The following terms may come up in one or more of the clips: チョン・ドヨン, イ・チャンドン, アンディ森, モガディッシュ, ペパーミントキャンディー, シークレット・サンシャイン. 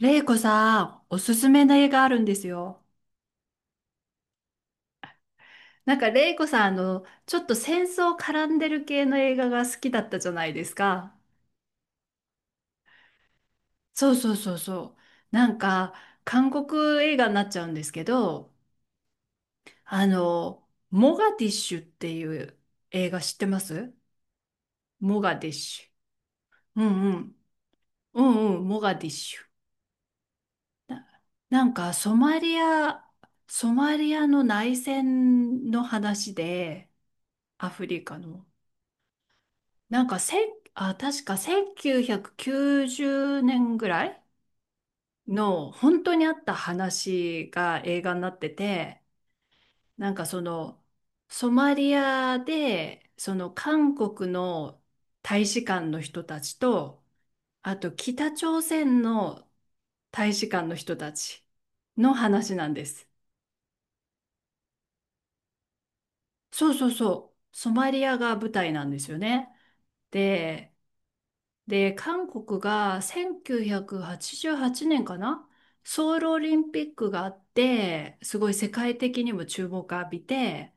レイコさん、おすすめの映画あるんですよ。なんかレイコさん、ちょっと戦争絡んでる系の映画が好きだったじゃないですか。そうそうそうそう。なんか、韓国映画になっちゃうんですけど、モガディッシュっていう映画知ってますモガディッシュ。うんうん。うんうん、モガディッシュ。な、なんか、ソマリアの内戦の話で、アフリカの。なんかせん、あ、確か1990年ぐらいの本当にあった話が映画になってて、なんかそのソマリアでその韓国の大使館の人たちと、あと北朝鮮の大使館の人たちの話なんです。そうそうそう。ソマリアが舞台なんですよね。で、で、韓国が1988年かな、ソウルオリンピックがあって、すごい世界的にも注目を浴びて、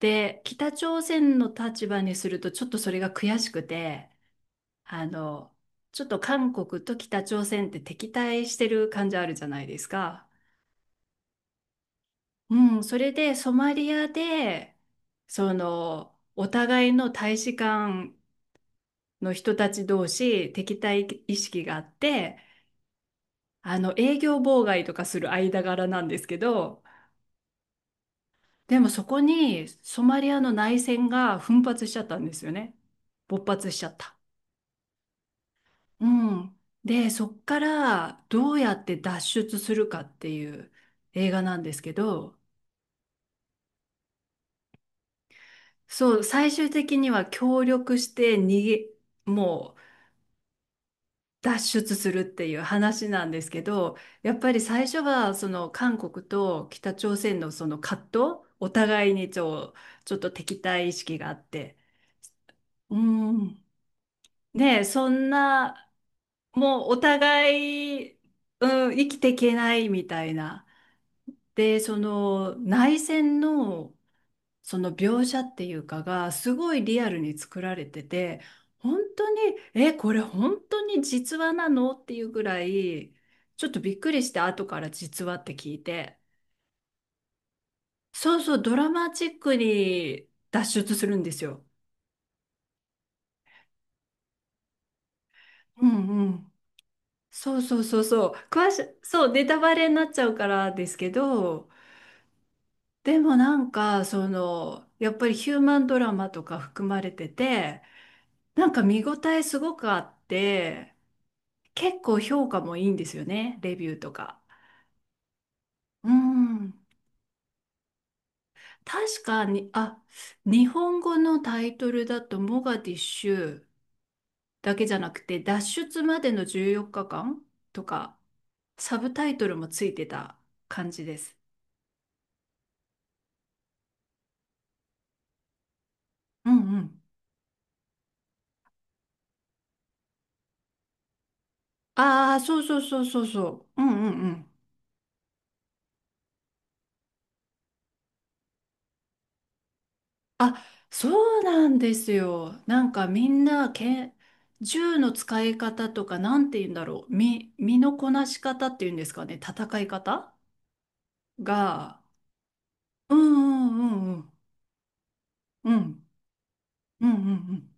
で、北朝鮮の立場にするとちょっとそれが悔しくて、あの、ちょっと韓国と北朝鮮って敵対してる感じあるじゃないですか。うん、それでソマリアで、お互いの大使館の人たち同士敵対意識があって、あの営業妨害とかする間柄なんですけど、でもそこにソマリアの内戦が奮発しちゃったんですよね。勃発しちゃった。うん。で、そっからどうやって脱出するかっていう映画なんですけど、そう、最終的には協力して逃げ、もう脱出するっていう話なんですけど、やっぱり最初はその韓国と北朝鮮のその葛藤、お互いにちょっと敵対意識があって、うん、ねえ、そんな、もうお互い、うん、生きていけないみたいな。で、その内戦のその描写っていうかがすごいリアルに作られてて、本当に、え、これ本当に実話なの？っていうぐらいちょっとびっくりして、後から実話って聞いて、そうそう、ドラマチックに脱出するんですよ。うんうん、そうそうそうそう、ネタバレになっちゃうからですけど、でもなんかそのやっぱりヒューマンドラマとか含まれてて、なんか見応えすごくあって。結構評価もいいんですよね、レビューとか。うん。確かに、あ、日本語のタイトルだと、モガディッシュだけじゃなくて、脱出までの14日間とか、サブタイトルもついてた感じです。うんうん。ああ、そうそうそうそうそう。うんうんうん。あ、そうなんですよ。なんかみんな銃の使い方とか、なんて言うんだろう。身のこなし方っていうんですかね。戦い方が、うんうんうんうんうんうんうん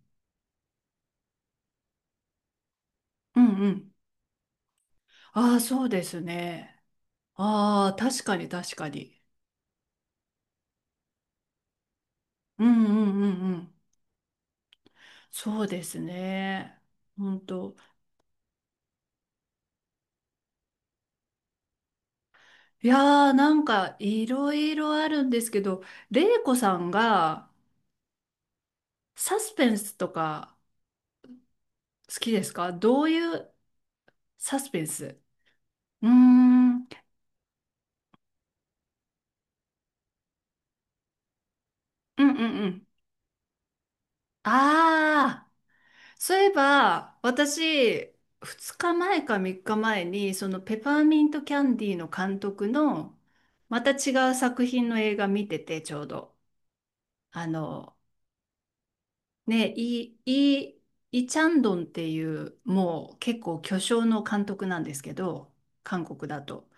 うんうん。ああ、そうですね。ああ、確かに確かに。うんうんうんうん。そうですね。本当。いやー、なんかいろいろあるんですけど、れいこさんがサスペンスとか好きですか、どういうサスペンス。うーん。うんうんうん。ああ。そういえば、私、2日前か3日前に、そのペパーミントキャンディーの監督の、また違う作品の映画見てて、ちょうど。あの、ね、イチャンドンっていう、もう結構巨匠の監督なんですけど、韓国だと。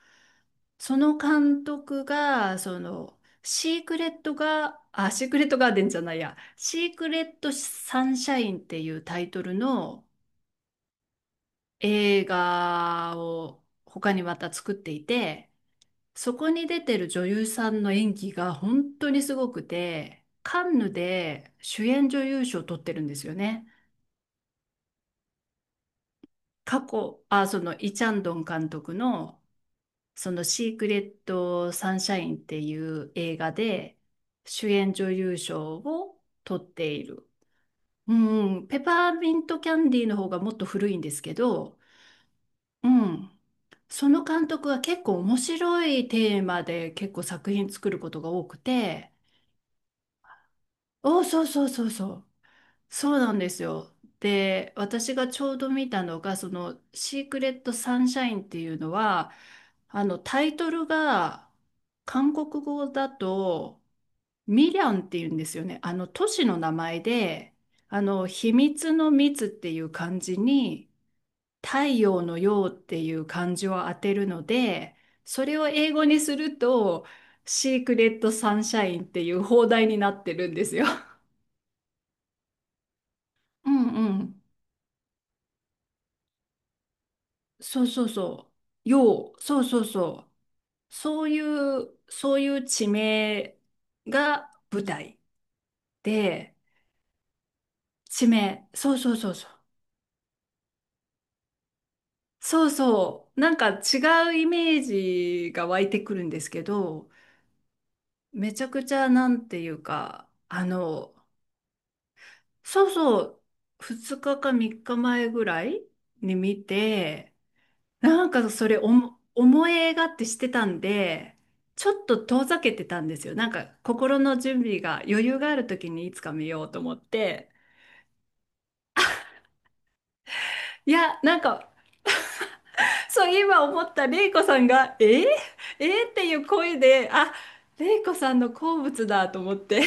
その監督が、シークレットが、あ、シークレットガーデンじゃないや、シークレットサンシャインっていうタイトルの、映画を他にまた作っていて、そこに出てる女優さんの演技が本当にすごくて、カンヌで主演女優賞を取ってるんですよね。過去、あ、そのイ・チャンドン監督のそのシークレット・サンシャインっていう映画で主演女優賞を取っている。うん、ペパーミントキャンディーの方がもっと古いんですけど、うん。その監督は結構面白いテーマで結構作品作ることが多くて、お、そうそうそうそう。そうなんですよ。で、私がちょうど見たのが、シークレット・サンシャインっていうのは、タイトルが、韓国語だと、ミリャンっていうんですよね。都市の名前で、秘密の密っていう漢字に、太陽のようっていう漢字を当てるので、それを英語にすると、シークレットサンシャインっていう放題になってるんですよ。うんうん。そうそうそう。よう、そうそうそう。そういう地名が舞台で、地名、そうそうそうそう。そうそう。なんか違うイメージが湧いてくるんですけど、めちゃくちゃなんていうか、そうそう、2日か3日前ぐらいに見て、なんかそれ思い映画ってしてたんで、ちょっと遠ざけてたんですよ。なんか心の準備が余裕がある時にいつか見ようと思って。いや、なんか、そう今思った、レイコさんが、えー、えーっていう声で、あ、レイコさんの好物だと思って。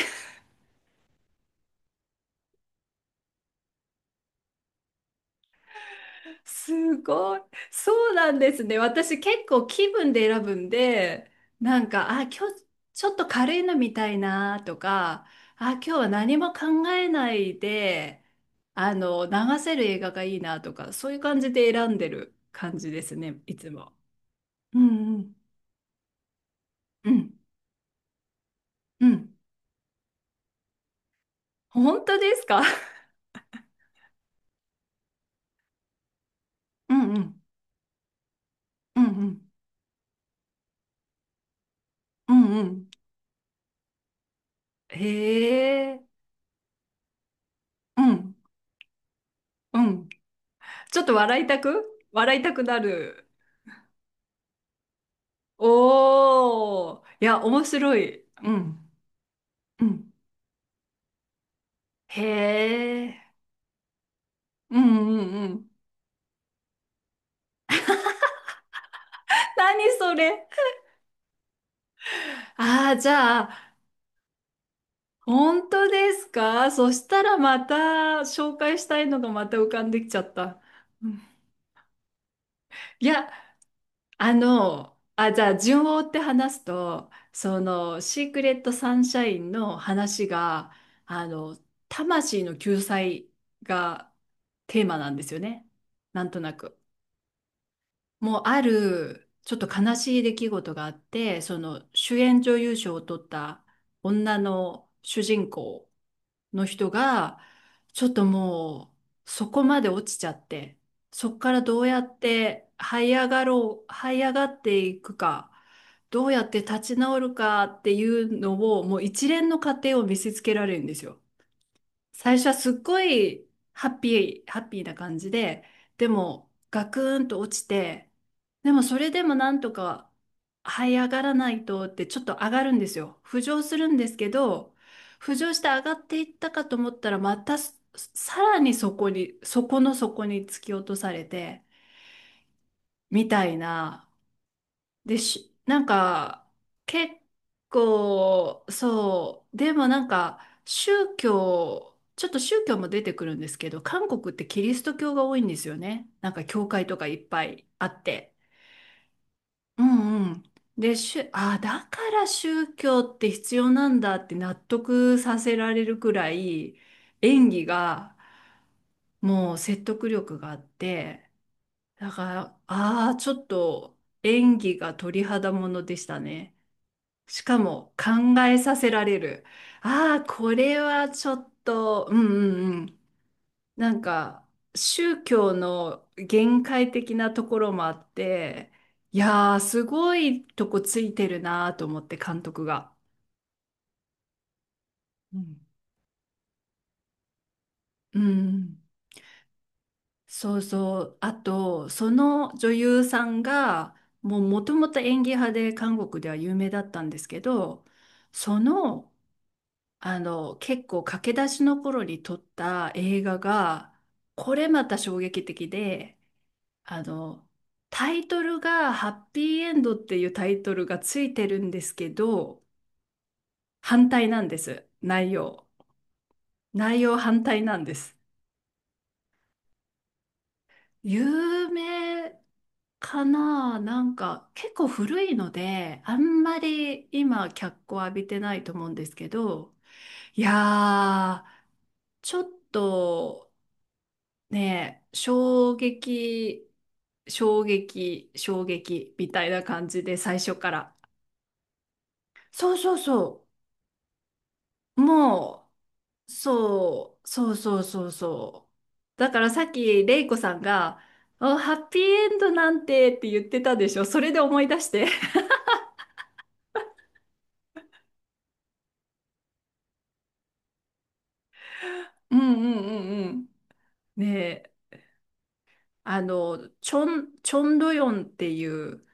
すごい。そうなんですね。私結構気分で選ぶんで、なんか、あ、今日ちょっと軽いの見たいなとか、あ、今日は何も考えないで、流せる映画がいいなとか、そういう感じで選んでる感じですね、いつも。うんうん。うん。うん。本当ですか？ うんうん。うんうん。うんうん。へえ。うん。うん。ちょっと笑いたく笑いたくなる。おー。いや、面白い。うん。うん。へえ。うんうんうん。何それ。ああ、じゃあ、本当ですか、そしたらまた紹介したいのがまた浮かんできちゃった。うん、いや、じゃあ順を追って話すと、シークレットサンシャインの話が、あの、魂の救済がテーマなんですよね。なんとなく。もう、ある、ちょっと悲しい出来事があって、その主演女優賞を取った女の主人公の人が、ちょっともうそこまで落ちちゃって、そこからどうやって這い上がろう、這い上がっていくか、どうやって立ち直るかっていうのを、もう一連の過程を見せつけられるんですよ。最初はすっごいハッピー、ハッピーな感じで、でもガクーンと落ちて、でもそれでもなんとか這い上がらないとってちょっと上がるんですよ。浮上するんですけど、浮上して上がっていったかと思ったら、またさらにそこの底に突き落とされて、みたいな。なんか、結構、そう、でもなんか、ちょっと宗教も出てくるんですけど、韓国ってキリスト教が多いんですよね。なんか教会とかいっぱいあって。うんうん。で、しゅ、あ、だから宗教って必要なんだって納得させられるくらい、演技がもう説得力があって、だから、ああ、ちょっと演技が鳥肌ものでしたね。しかも考えさせられる。ああ、これはちょっと、うんうんうん。なんか、宗教の限界的なところもあって、いやー、すごいとこついてるなーと思って、監督が。うんうん、そうそう。あと、その女優さんが、もうもともと演技派で韓国では有名だったんですけど、その結構駆け出しの頃に撮った映画が、これまた衝撃的で、あの、タイトルがハッピーエンドっていうタイトルがついてるんですけど、反対なんです。内容。内容反対なんです。有名かな、なんか結構古いので、あんまり今脚光浴びてないと思うんですけど、いやー、ちょっと、ねえ、衝撃、衝撃、衝撃みたいな感じで最初から。そうそうそう。もう、そう、そうそうそうそう。だからさっき、レイコさんが、あ、ハッピーエンドなんて、って言ってたでしょ。それで思い出して。うんうんうんうん。ねえ、チョンドヨンっていう、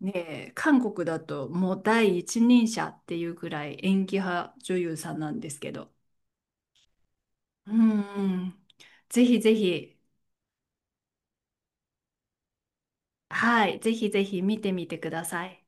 ねえ、韓国だともう第一人者っていうぐらい演技派女優さんなんですけど、うんうん。ぜひぜひ、はい、ぜひぜひ見てみてください。